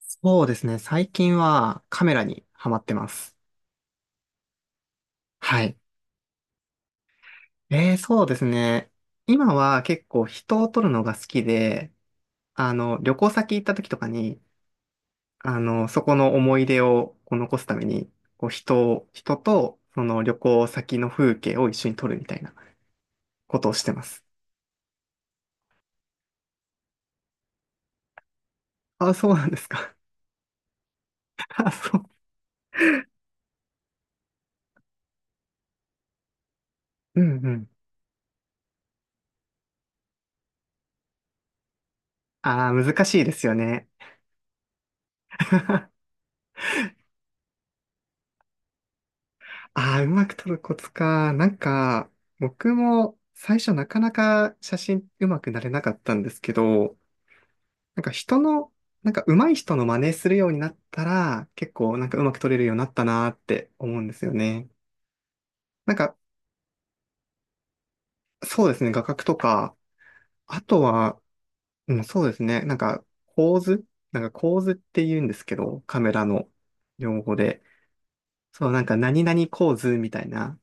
そうですね。最近はカメラにハマってます。はい。そうですね。今は結構人を撮るのが好きで、旅行先行った時とかに、そこの思い出をこう残すために、こう人を、人とその旅行先の風景を一緒に撮るみたいなことをしてます。あ、そうなんですか。あ、そう。うんうん。あー、難しいですよね。ああ、うまく撮るコツか。なんか、僕も最初なかなか写真うまくなれなかったんですけど、なんか人の、なんか上手い人の真似するようになったら、結構なんかうまく撮れるようになったなーって思うんですよね。なんか、そうですね、画角とか、あとは、うん、そうですね、なんか構図、なんか構図って言うんですけど、カメラの用語で。そう、なんか何々構図みたいな、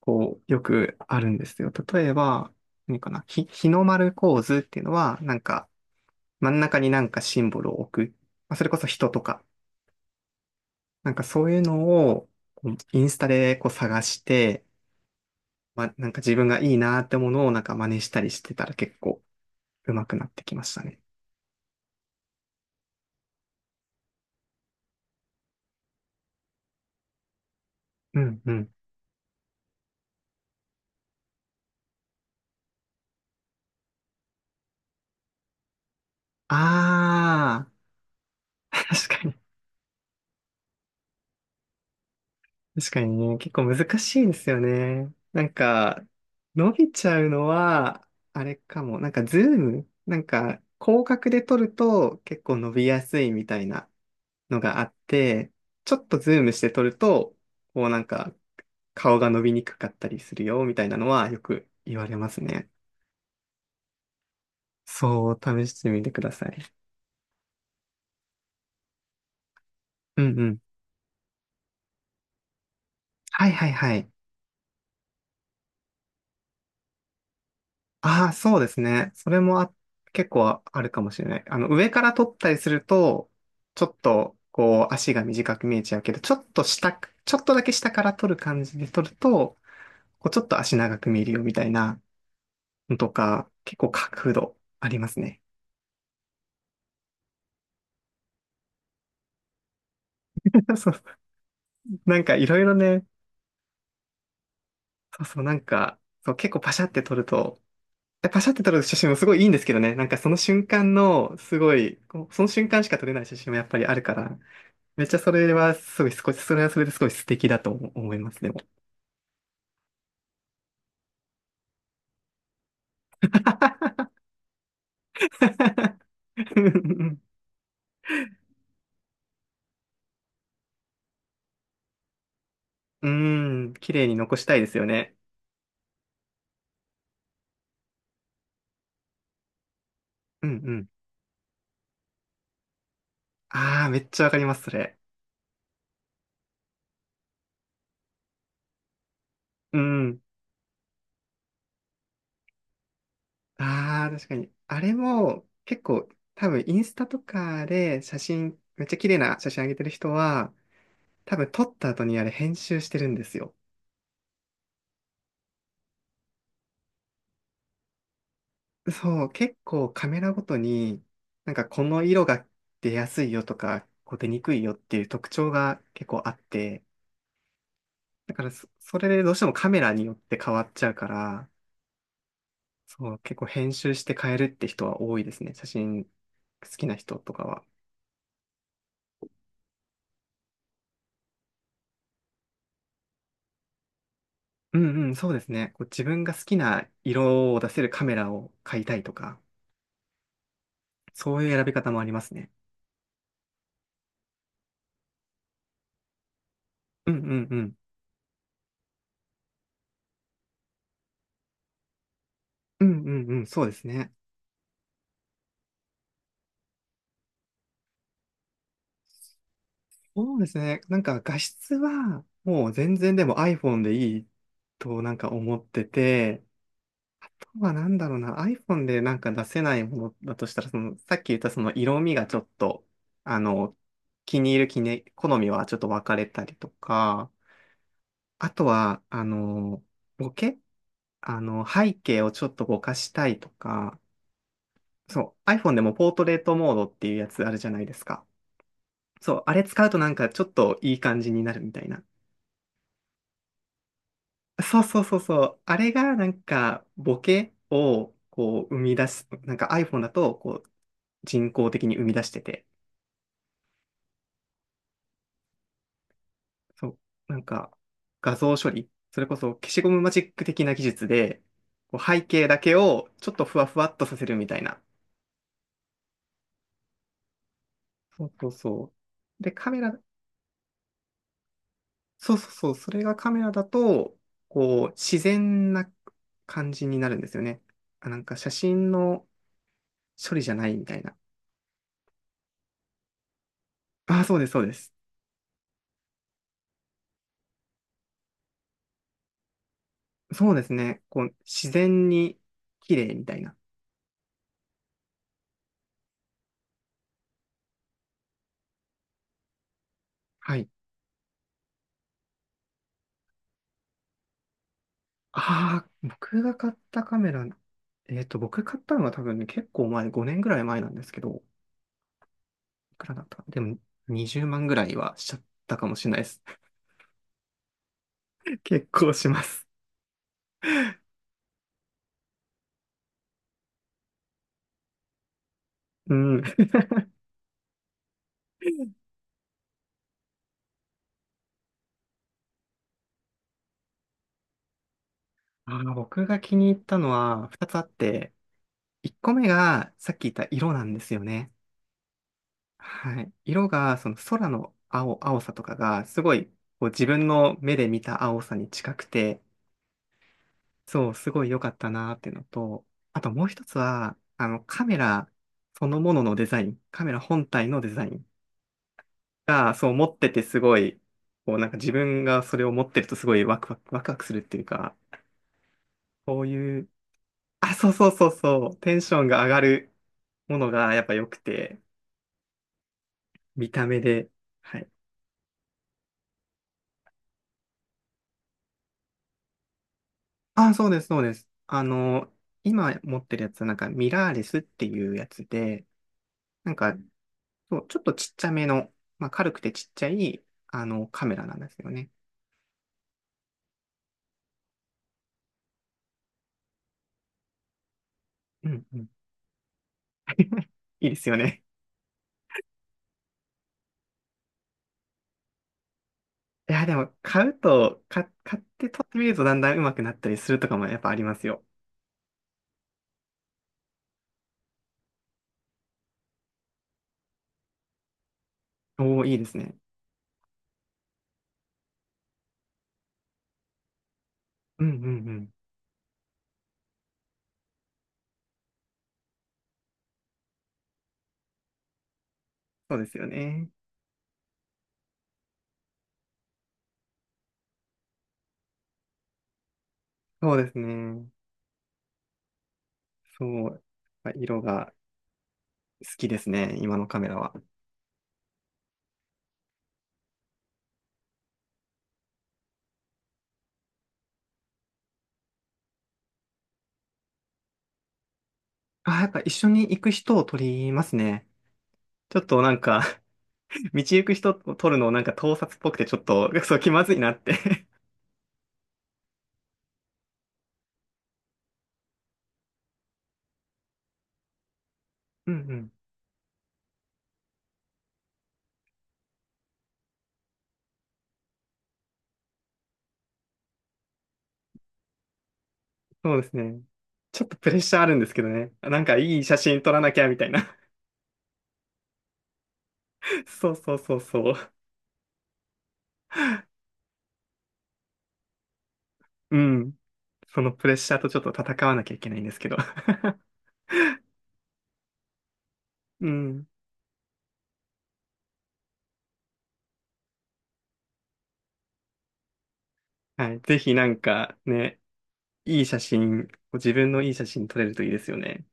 こう、よくあるんですよ。例えば、何かな、日の丸構図っていうのは、なんか、真ん中になんかシンボルを置く。まあ、それこそ人とか、なんかそういうのを、こうインスタでこう探して、まあ、なんか自分がいいなってものをなんか真似したりしてたら結構上手くなってきましたね。うんうん。あー、確かに。確かにね、結構難しいですよね。なんか、伸びちゃうのは、あれかも。なんか、ズームなんか、広角で撮ると結構伸びやすいみたいなのがあって、ちょっとズームして撮ると、こうなんか、顔が伸びにくかったりするよ、みたいなのはよく言われますね。そう、試してみてください。うんうん。はいはいはい。ああ、そうですね。それもあ、結構あるかもしれない。上から撮ったりすると、ちょっと、こう、足が短く見えちゃうけど、ちょっとだけ下から撮る感じで撮ると、こう、ちょっと足長く見えるよみたいなのとか、結構角度ありますね。そう、なんかいろいろね、そうそう、なんか、そう、結構パシャって撮ると、パシャって撮る写真もすごいいいんですけどね、なんかその瞬間の、すごい、こうその瞬間しか撮れない写真もやっぱりあるから、めっちゃそれはすごい少し、それはそれですごい素敵だと思います、でも。うん、綺麗に残したいですよね。うんうん。ああ、めっちゃわかります、それ。うん。ああ、確かに。あれも、結構、多分、インスタとかで写真、めっちゃ綺麗な写真上げてる人は、多分、撮った後にあれ編集してるんですよ。そう、結構カメラごとに、なんかこの色が出やすいよとか、こう出にくいよっていう特徴が結構あって、だからそ、それでどうしてもカメラによって変わっちゃうから、そう、結構編集して変えるって人は多いですね。写真好きな人とかは。うんうん、そうですね。こう自分が好きな色を出せるカメラを買いたいとか、そういう選び方もありますね。うんうんうん。うんうんうん、そうですね。そうですね。なんか画質はもう全然でも iPhone でいいとなんか思ってて、はなんだろうな、iPhone でなんか出せないものだとしたら、その、さっき言ったその色味がちょっと、あの、気に入る気ね好みはちょっと分かれたりとか、あとは、ボケ背景をちょっとぼかしたいとか、そう、iPhone でもポートレートモードっていうやつあるじゃないですか。そう、あれ使うとなんかちょっといい感じになるみたいな。そうそうそうそう。あれがなんかボケをこう生み出す、なんか iPhone だとこう人工的に生み出してて、そう、なんか画像処理、それこそ消しゴムマジック的な技術で、こう背景だけをちょっとふわふわっとさせるみたいな。そうそうそう。で、カメラ、そうそうそう、それがカメラだと、こう自然な感じになるんですよね。あ、なんか写真の処理じゃないみたいな。あ、そうです、そうです。そうですね。こう、自然に綺麗みたいな。はい。ああ、僕が買ったカメラ、えっと、僕買ったのは多分ね、結構前、5年ぐらい前なんですけど、いくらだったかなでも、20万ぐらいはしちゃったかもしれないです。結構します。うん。ああ、僕が気に入ったのは2つあって、1個目がさっき言った色なんですよね。はい。色が、その空の青、青さとかが、すごい、こう自分の目で見た青さに近くて、そう、すごい良かったなーっていうのと、あともう一つは、カメラそのもののデザイン、カメラ本体のデザインが、そう持っててすごい、こうなんか自分がそれを持ってるとすごいワクワクするっていうか、そういう、あ、そうそうそうそう、テンションが上がるものがやっぱ良くて、見た目で、はい。あ、そうです、そうです。今持ってるやつはなんかミラーレスっていうやつで、なんかそう、ちょっとちっちゃめの、まあ、軽くてちっちゃい、カメラなんですよね。うんうん。いいですよね。いや、でも、買うと、か、買って撮ってみるとだんだん上手くなったりするとかもやっぱありますよ。おお、いいですね。うんうんうん。そうですよね。そうですね。そう。やっぱ色が好きですね、今のカメラは。あ、やっぱ一緒に行く人を撮りますね。ちょっとなんか 道行く人を撮るのをなんか盗撮っぽくてちょっと、そう、気まずいなって うんうん。そうですね。ちょっとプレッシャーあるんですけどね。なんかいい写真撮らなきゃみたいな。そうそうそうそう。うん。そのプレッシャーとちょっと戦わなきゃいけないんですけど。うん。はい。ぜひなんかね、いい写真、自分のいい写真撮れるといいですよね。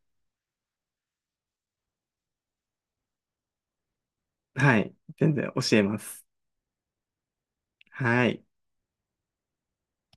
はい。全然教えます。はい。